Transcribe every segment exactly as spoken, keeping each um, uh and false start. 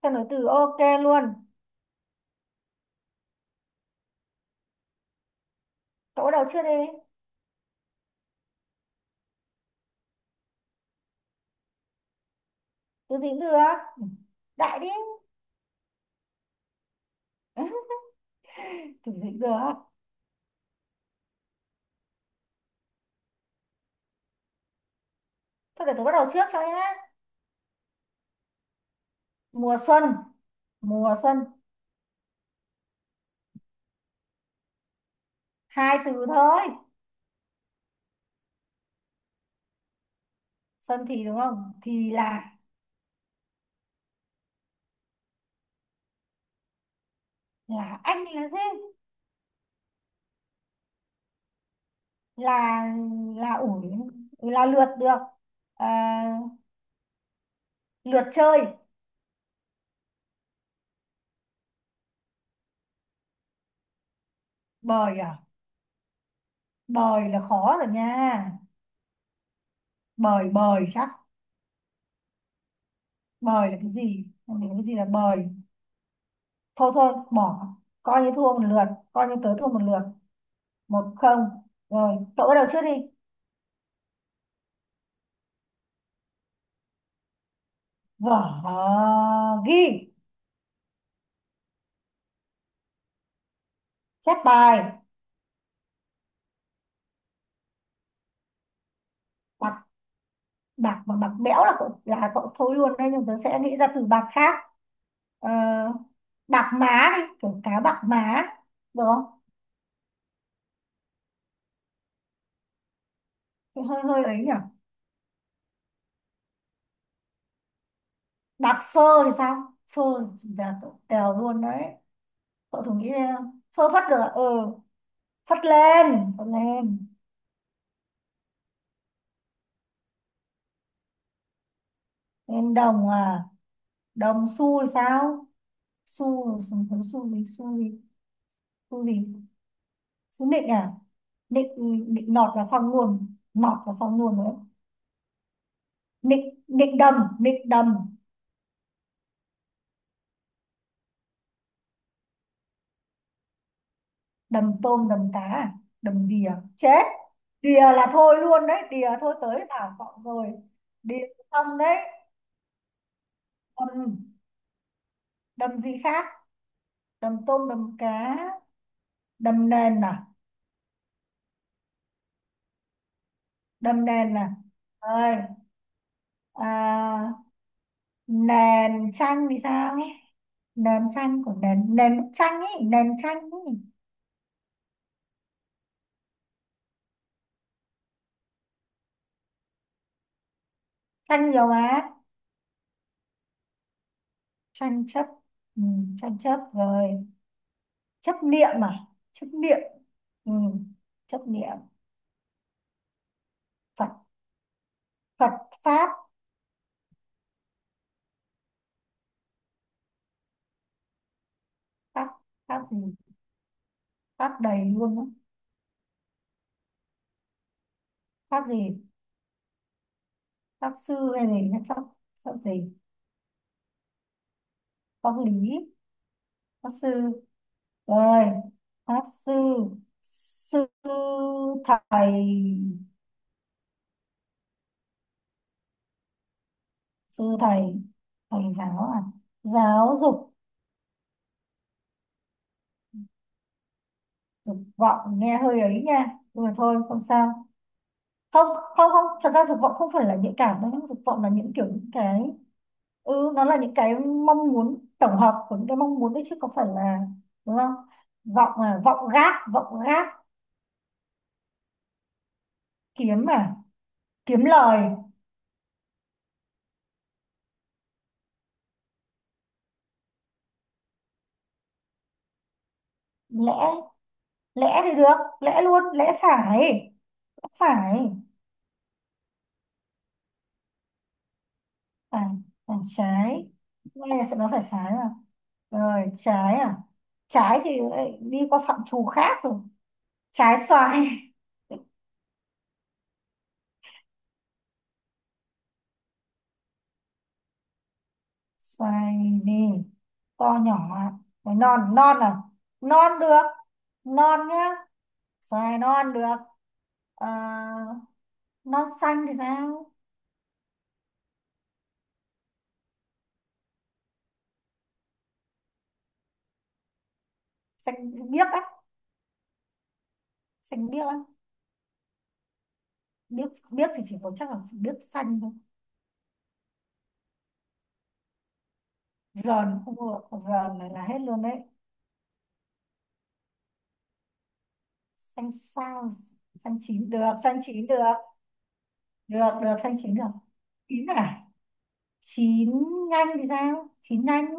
Tao nói từ ok luôn. Cậu bắt đầu chưa đi? Từ gì cũng được. Ừ, đại đi. Từ gì cũng được. Thôi để tôi bắt đầu trước cho nhé. Mùa xuân. Mùa xuân. Hai từ thôi. Xuân thì đúng không? Thì là là anh là gì? Là là ủi là lượt được. À, lượt chơi. Bời à? Bời là khó rồi nha. Bời bời chắc. Bời là cái gì? Không hiểu cái gì là bời. Thôi thôi bỏ, coi như thua một lượt coi như tớ thua một lượt. Một không, rồi cậu bắt đầu trước đi. Vở, ghi chép, bài bạc. Bạc mà bạc bẽo là cậu là cậu thôi luôn đấy, nhưng tớ sẽ nghĩ ra từ bạc khác. Ờ, Bạc má đi, kiểu cá bạc má, được không? Thì hơi hơi ấy nhỉ. Bạc phơ thì sao? Phơ là cậu tèo luôn đấy, cậu thử nghĩ ra. Phơ phất được à? Ừ, phất lên, phất lên. Lên đồng à? Đồng xu thì sao? Xô rồi, xô xô. Gì, xô gì, xô gì? Xô nịnh à? Nịnh, nịnh nọt là xong luôn, nọt là xong luôn rồi đấy. Nịnh, nịnh đầm, nịnh đầm. Đầm tôm, đầm cá à? Đầm đìa chết. Đìa là thôi luôn đấy, đìa thôi, tới bảo cọ rồi. Đìa, xong đấy. Đầm đầm gì khác? Đầm tôm, đầm cá. Đầm nền à? đầm nền à Ơi, à, nền chanh thì sao? Nền chanh của nền nền bức chanh ấy, nền chanh ấy. Tranh nhiều mà. Tranh chấp. Ừ, tranh chấp rồi. Chấp niệm à? Chấp niệm. Ừ, chấp niệm. Phật. Phật, Pháp. Pháp. Pháp gì? Pháp đầy luôn á. Pháp gì? Pháp sư hay gì? Hay Pháp, pháp gì? Pháp lý. Pháp sư. Rồi. Pháp sư. Sư thầy. Sư thầy. Thầy giáo à? Giáo dục. Dục vọng nghe hơi ấy nha. Nhưng mà thôi, không sao. Không, không, không, thật ra dục vọng không phải là nhạy cảm đâu nhá. Dục vọng là những kiểu, những cái, ừ, nó là những cái mong muốn, tổng hợp của những cái mong muốn đấy, chứ không phải là, đúng không? Vọng là vọng gác, vọng gác, kiếm à, kiếm lời. Lẽ lẽ thì được, lẽ luôn, lẽ phải. Lẽ phải. Phải, phải trái. Nghe là sẽ nói phải trái mà. Rồi trái à, trái thì lại đi qua phạm trù khác rồi. Trái xoài. Xoài gì? To nhỏ à? Xoài non, non à? Non được. Non nhá. Xoài non được. À, non xanh thì sao? Xanh biếc á. Xanh biếc á. Biếc, biếc thì chỉ có, chắc là chỉ biếc xanh thôi. Rờn không được. Rờn này là hết luôn đấy. Xanh sao? Xanh chín được. Xanh chín được. Được, được. Xanh chín được. Chín à? Chín nhanh thì sao? Chín nhanh.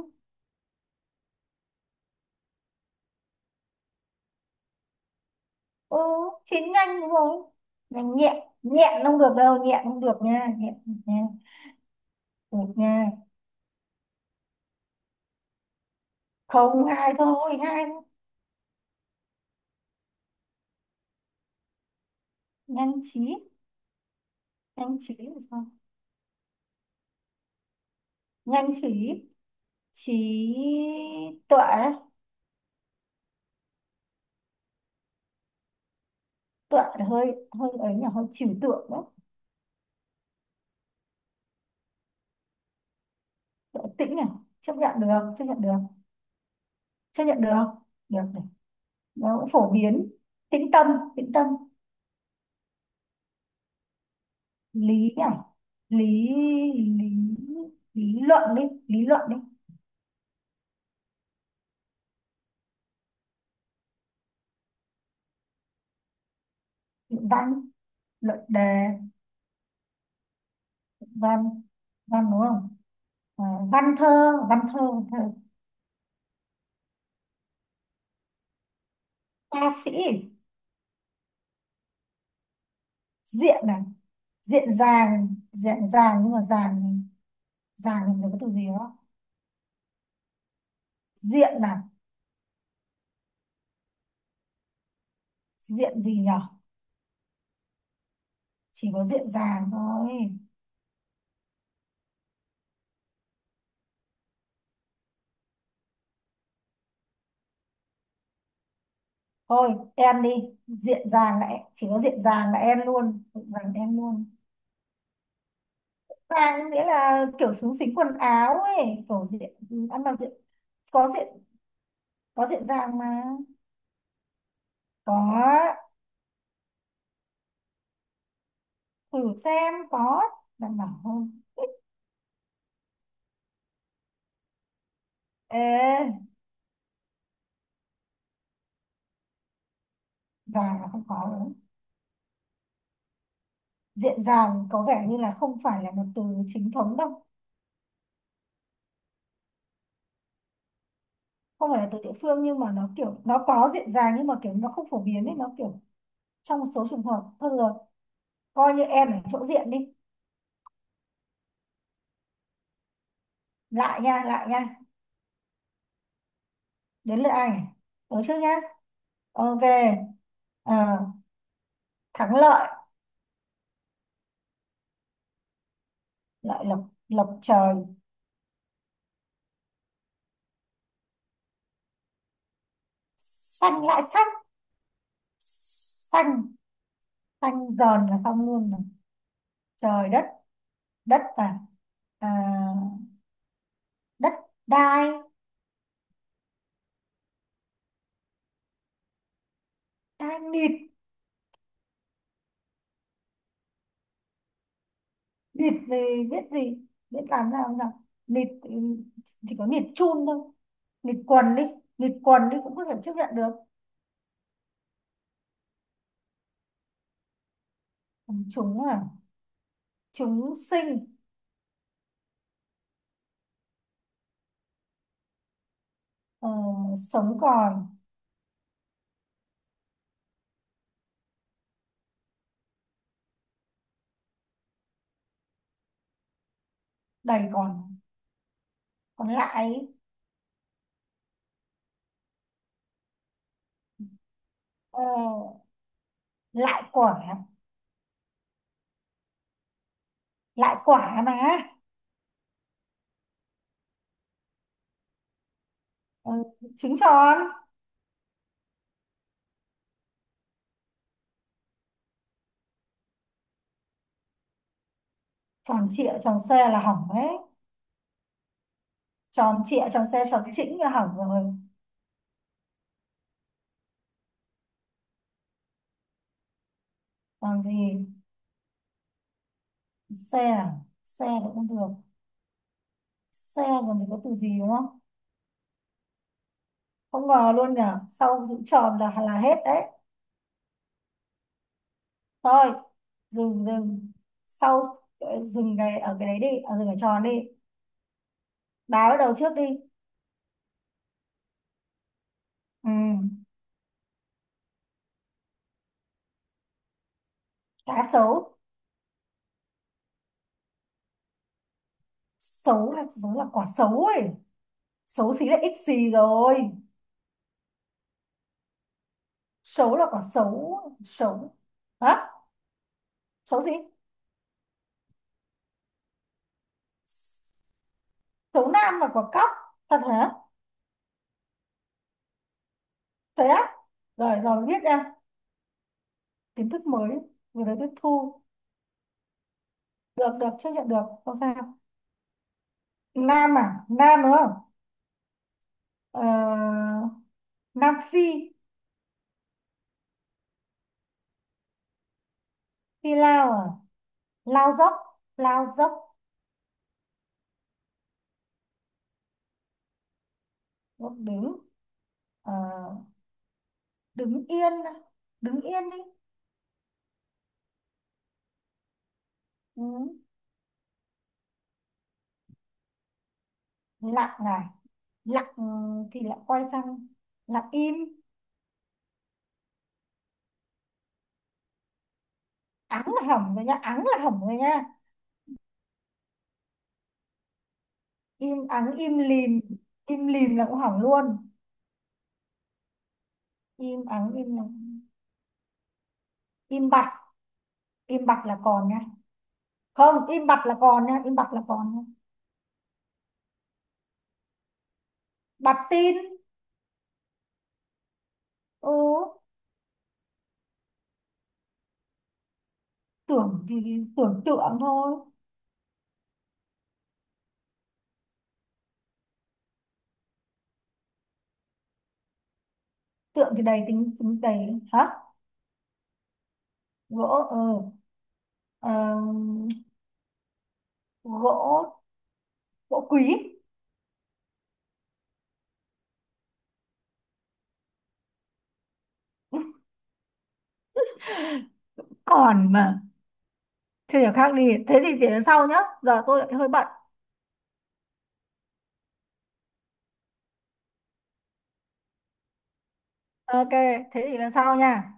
Ừ, chín nhanh, đúng rồi. Nhanh nhẹn. Nhẹn không được đâu, nhẹn không được nha. Nhẹn nha, được nha. Không, hai thôi hai thôi Nhanh trí. Nhanh trí là sao? Nhanh trí. Trí tuệ. Tuệ là hơi, hơi ấy nhỉ, hơi trừu tượng đó. Tuệ Tĩnh nhỉ. Chấp nhận được, chấp nhận được, chấp nhận được. Được này, nó cũng phổ biến. Tĩnh tâm. Tĩnh tâm, lý nhỉ. Lý, lý lý luận đi, lý luận đi. Luận văn, luận đề. Văn văn đúng không? À, văn thơ, văn thơ, văn thơ. Ca sĩ, diện này. Diện dàng, diện dàng nhưng mà dàng. Dàng thì có cái từ gì đó. Diện là, diện gì nhở? Chỉ có diện dàng thôi. Thôi em đi. Diện dàng, lại chỉ có diện dàng là em luôn, diện dàng em luôn. Dàng nghĩa là kiểu xúng xính quần áo ấy, kiểu diện. Ăn mặc diện. Có diện, có diện dàng mà. Có, thử xem. Có đảm bảo không? Ê, giàn là không có đúng. Diện giàn có vẻ như là không phải là một từ chính thống đâu. Không phải là từ địa phương, nhưng mà nó kiểu, nó có diện giàn, nhưng mà kiểu nó không phổ biến ấy, nó kiểu trong một số trường hợp. Thôi được rồi, coi như em ở chỗ diện đi. Lại nha, lại nha. Đến lượt ai nhỉ? Tớ trước nhá. Ok. À, thắng lợi, lợi lộc, lộc trời. Xanh lại xanh. Xanh, xanh giòn là xong luôn này. Trời đất. Đất là à, ờ, đất đai. Đai nịt. Nịt thì biết gì, biết làm ra làm sao? Nịt thì chỉ có nịt chun thôi. Nịt quần đi. nịt quần đi cũng có thể chấp nhận được. Chúng à, chúng sinh. ờ, Sống còn. Đầy còn. Còn lại. ờ, Lại quả. Lại quả mà. Ờ, trứng tròn. Tròn trịa. Tròn xe là hỏng đấy. Tròn trịa, tròn xe, tròn chỉnh là hỏng rồi. Còn gì? Xe à? Xe thì cũng được. Xe còn gì? Có từ gì đúng không? Không ngờ luôn nhở. Sau giữ tròn là là hết đấy. Thôi, dừng dừng. Sau ờ, dừng cái ở cái đấy đi, ở dừng ở tròn đi. Bà bắt đầu trước đi. Ừ, cá sấu. Sấu là giống là quả sấu ấy. Xấu xí là ít xì rồi. Sấu là quả sấu, sấu. Hả? Sấu gì? Sấu nam là quả cóc. Thật hả? Thế á? Rồi rồi, biết nha. Kiến thức mới vừa mới tiếp thu. Được, được, chấp nhận được. Không sao. Nam à? Nam đúng không? Ờ, Nam Phi. Phi Lao à? Lao dốc. Lao dốc, dốc đứng. Ờ, đứng yên. Đứng yên đi. Ừ. Lặng này. Lặng, ừ, thì lại quay sang lặng im. Ắng là hỏng rồi nha, ắng là hỏng rồi nha im ắng. Im lìm. im lìm là cũng hỏng luôn. Im ắng, im là- im bặt. Im bặt là còn nha. Không, im bặt là còn nha, im bặt là còn nha bặt tin. Ừ, tưởng thì tưởng tượng thôi. Tượng thì đầy, tính tính đầy hả. Gỗ. ờ, ờ, gỗ gỗ quý. Còn mà chưa hiểu. Khác đi, thế thì để lần sau nhá. Giờ tôi lại hơi bận. Ok, thế thì lần sau nha.